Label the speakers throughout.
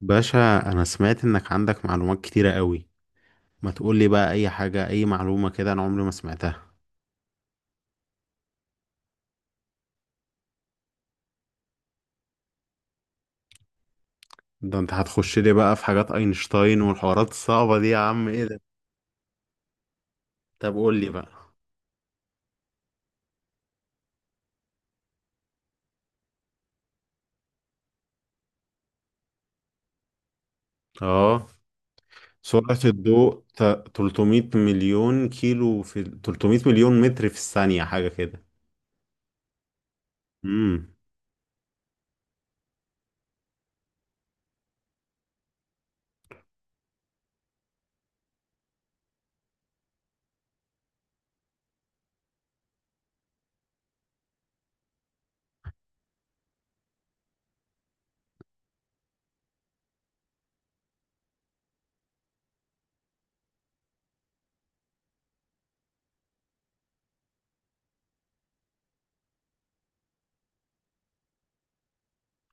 Speaker 1: باشا، انا سمعت انك عندك معلومات كتيرة قوي. ما تقولي بقى اي حاجة اي معلومة كده انا عمري ما سمعتها. ده انت هتخش لي بقى في حاجات اينشتاين والحوارات الصعبة دي يا عم ايه ده؟ طب قولي بقى. اه. سرعة الضوء 300 مليون كيلو في 300 مليون متر في الثانية حاجة كده. امم.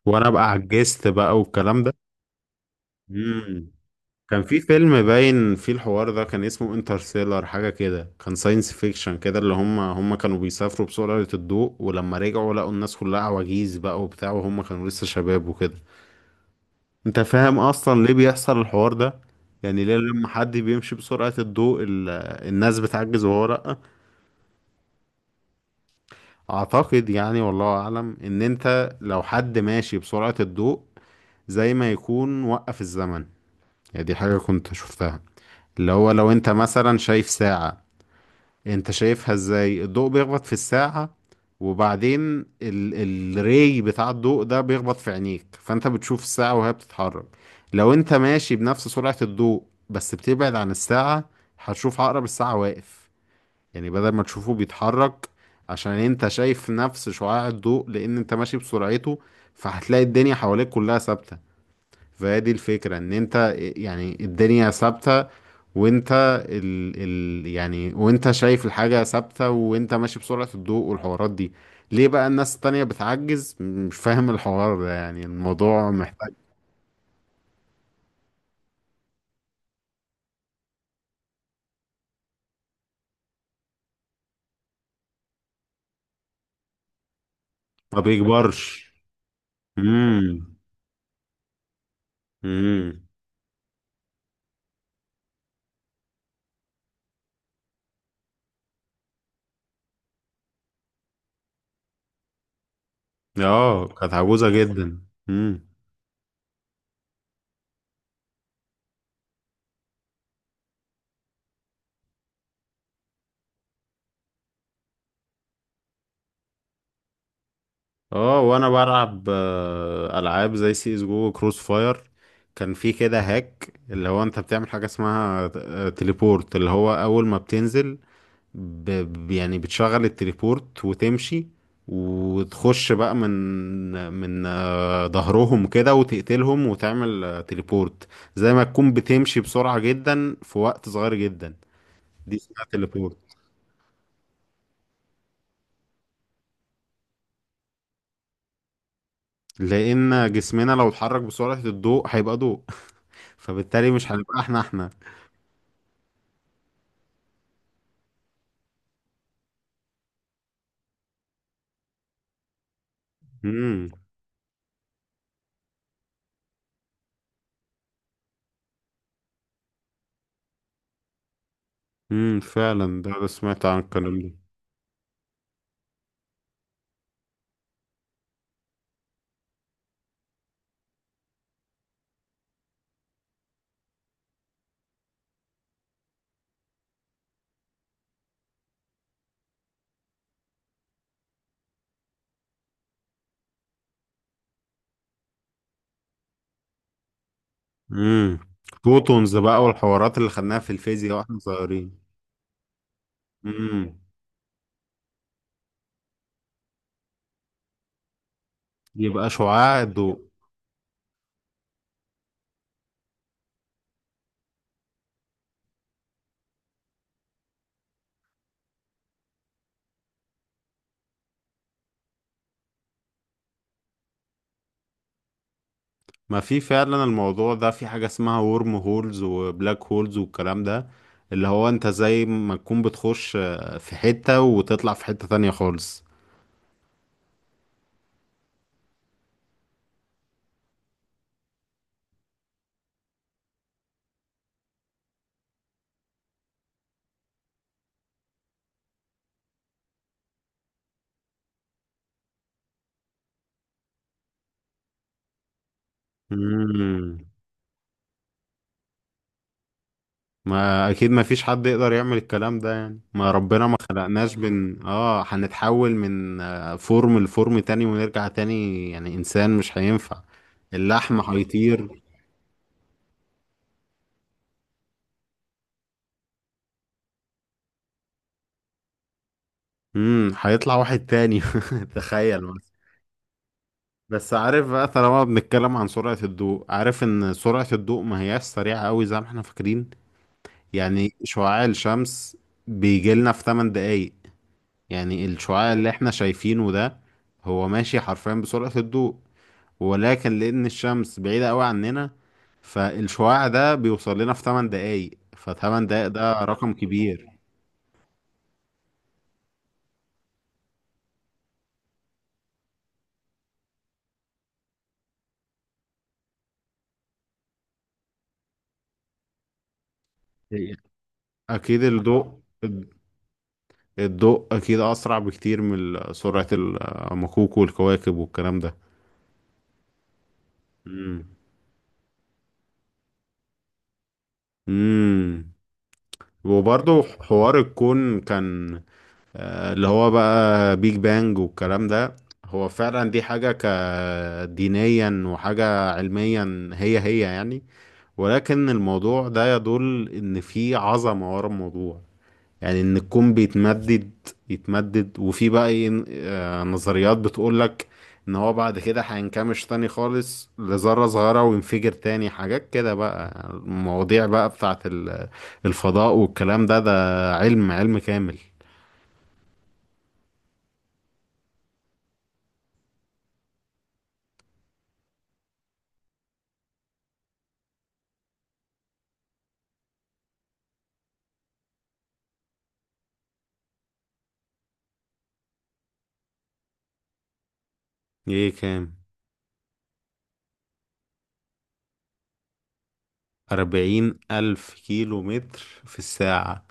Speaker 1: وانا بقى عجزت بقى والكلام ده. مم. كان في فيلم باين فيه الحوار ده كان اسمه انترستيلر حاجة كده، كان ساينس فيكشن كده اللي هم كانوا بيسافروا بسرعة الضوء ولما رجعوا لقوا الناس كلها عواجيز بقى وبتاع وهم كانوا لسه شباب وكده. انت فاهم اصلا ليه بيحصل الحوار ده؟ يعني ليه لما حد بيمشي بسرعة الضوء الناس بتعجز وهو لأ؟ اعتقد يعني والله اعلم ان انت لو حد ماشي بسرعة الضوء زي ما يكون وقف الزمن. يعني دي حاجة كنت شفتها، اللي هو لو انت مثلا شايف ساعة، انت شايفها ازاي؟ الضوء بيخبط في الساعة وبعدين ال الري بتاع الضوء ده بيخبط في عينيك فانت بتشوف الساعة وهي بتتحرك. لو انت ماشي بنفس سرعة الضوء بس بتبعد عن الساعة هتشوف عقرب الساعة واقف، يعني بدل ما تشوفه بيتحرك، عشان انت شايف نفس شعاع الضوء لان انت ماشي بسرعته. فهتلاقي الدنيا حواليك كلها ثابتة. فهي دي الفكرة ان انت يعني الدنيا ثابتة، وانت ال يعني وانت شايف الحاجة ثابتة وانت ماشي بسرعة الضوء والحوارات دي. ليه بقى الناس التانية بتعجز؟ مش فاهم الحوار ده، يعني الموضوع محتاج. ما بيكبرش. امم. امم. اه كانت عجوزة جدا. امم. اه وانا بلعب العاب زي سي اس جو كروس فاير. كان في كده هاك اللي هو انت بتعمل حاجه اسمها تليبورت، اللي هو اول ما بتنزل يعني بتشغل التليبورت وتمشي وتخش بقى من من ظهرهم كده وتقتلهم وتعمل تليبورت. زي ما تكون بتمشي بسرعه جدا في وقت صغير جدا. دي اسمها تليبورت. لان جسمنا لو اتحرك بسرعه الضوء هيبقى ضوء فبالتالي مش هنبقى احنا احنا. امم. فعلا ده سمعت عن الكلام ده. امم. فوتونز بقى والحوارات اللي خدناها في الفيزياء واحنا صغيرين. امم. يبقى شعاع الضوء. ما في فعلا الموضوع ده، في حاجة اسمها ورم هولز وبلاك هولز والكلام ده. اللي هو انت زي ما تكون بتخش في حتة وتطلع في حتة تانية خالص. امم. ما اكيد ما فيش حد يقدر يعمل الكلام ده، يعني ما ربنا ما خلقناش بن اه هنتحول من فورم لفورم تاني ونرجع تاني يعني انسان مش هينفع. اللحم هيطير. هيطلع واحد تاني. تخيل مثلا. بس عارف بقى طالما بنتكلم عن سرعة الضوء، عارف ان سرعة الضوء ما هياش سريعة قوي زي ما احنا فاكرين؟ يعني شعاع الشمس بيجيلنا في 8 دقايق، يعني الشعاع اللي احنا شايفينه ده هو ماشي حرفيا بسرعة الضوء، ولكن لأن الشمس بعيدة قوي عننا فالشعاع ده بيوصل لنا في 8 دقايق، ف8 دقايق ده رقم كبير. أكيد الضوء أكيد أسرع بكتير من سرعة المكوك والكواكب والكلام ده. مم. امم وبرضه حوار الكون كان اللي هو بقى بيج بانج والكلام ده. هو فعلا دي حاجة كدينيا وحاجة علميا هي هي يعني، ولكن الموضوع ده يدل ان في عظمة ورا الموضوع. يعني ان الكون بيتمدد يتمدد، وفي بقى ايه نظريات بتقولك ان هو بعد كده هينكمش تاني خالص لذرة صغيرة وينفجر تاني، حاجات كده بقى المواضيع بقى بتاعت الفضاء والكلام ده. ده علم، علم كامل. ايه كام؟ 40,000 كيلو متر في الساعة؟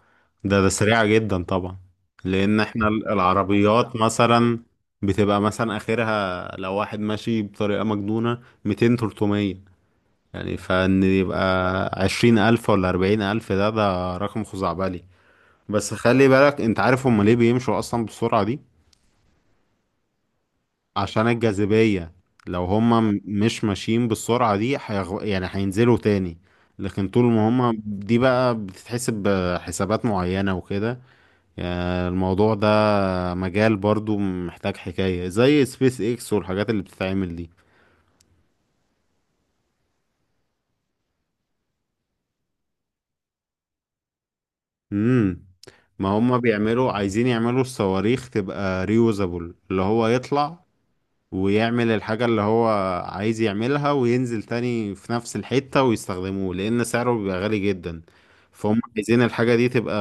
Speaker 1: ده سريعة جدا طبعا. لأن احنا العربيات مثلا بتبقى مثلا آخرها لو واحد ماشي بطريقة مجنونة 200 300. يعني فإن يبقى 20,000 ولا 40,000 ده رقم خزعبلي. بس خلي بالك أنت عارف هما ليه بيمشوا أصلا بالسرعة؟ عشان الجاذبية. لو هما مش ماشيين بالسرعة دي يعني هينزلوا تاني. لكن طول ما هما دي بقى بتتحسب بحسابات معينة وكده، يعني الموضوع ده مجال برضو محتاج، حكاية زي سبيس اكس والحاجات اللي بتتعمل دي. امم. ما هما بيعملوا عايزين يعملوا الصواريخ تبقى ريوزابل، اللي هو يطلع ويعمل الحاجة اللي هو عايز يعملها وينزل تاني في نفس الحتة ويستخدموه لأن سعره بيبقى غالي جدا. فهم عايزين الحاجة دي تبقى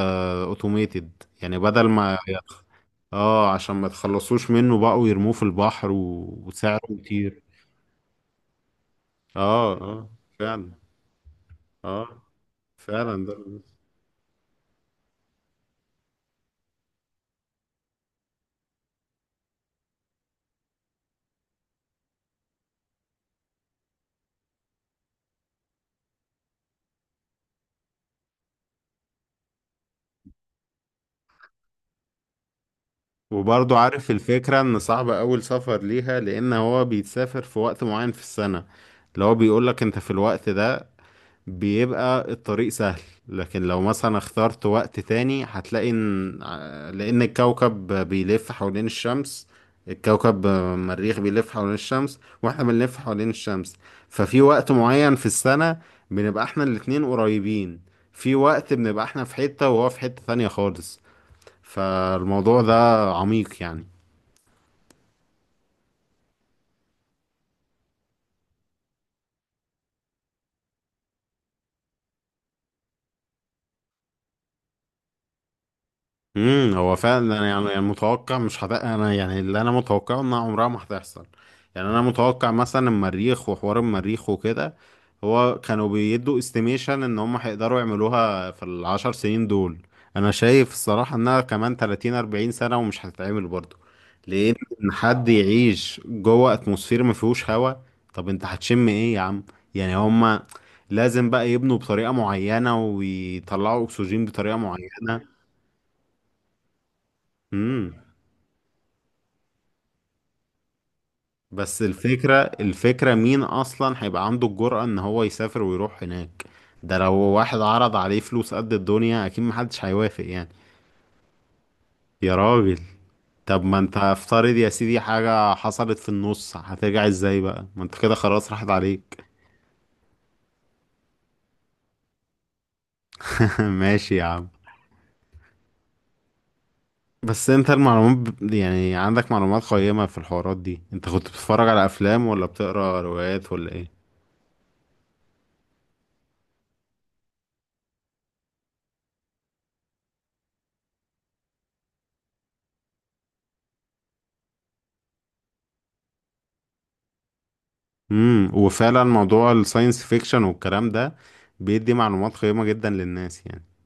Speaker 1: اوتوميتد يعني بدل ما اه عشان ما تخلصوش منه بقوا يرموه في البحر وسعره يطير. اه. اه فعلا. اه فعلا ده. وبرضه عارف الفكرة ان صعب اول سفر ليها لان هو بيتسافر في وقت معين في السنة، اللي هو بيقولك انت في الوقت ده بيبقى الطريق سهل، لكن لو مثلا اخترت وقت تاني هتلاقي ان لان الكوكب بيلف حوالين الشمس، الكوكب المريخ بيلف حوالين الشمس واحنا بنلف حوالين الشمس، ففي وقت معين في السنة بنبقى احنا الاتنين قريبين، في وقت بنبقى احنا في حتة وهو في حتة تانية خالص. فالموضوع ده عميق يعني. امم. هو فعلا أنا يعني يعني متوقع مش انا يعني اللي انا متوقعه انها عمرها ما هتحصل. يعني انا متوقع مثلا المريخ وحوار المريخ وكده، هو كانوا بيدوا استيميشن ان هم هيقدروا يعملوها في العشر سنين دول، انا شايف الصراحة انها كمان 30 40 سنة ومش هتتعمل برضو. لان ان حد يعيش جوه اتموسفير ما فيهوش هوا، طب انت هتشم ايه يا عم؟ يعني هم لازم بقى يبنوا بطريقة معينة ويطلعوا اكسجين بطريقة معينة. امم. بس الفكرة، الفكرة مين أصلا هيبقى عنده الجرأة إن هو يسافر ويروح هناك؟ ده لو واحد عرض عليه فلوس قد الدنيا أكيد محدش هيوافق يعني. يا راجل. طب ما انت افترض يا سيدي حاجة حصلت في النص هترجع ازاي بقى؟ ما انت كده خلاص راحت عليك. ماشي يا عم. بس انت المعلومات يعني عندك معلومات قيمة في الحوارات دي، انت كنت بتتفرج على افلام ولا بتقرا روايات ولا ايه؟ امم. وفعلا موضوع الساينس فيكشن والكلام ده بيدي معلومات قيمة جدا للناس يعني.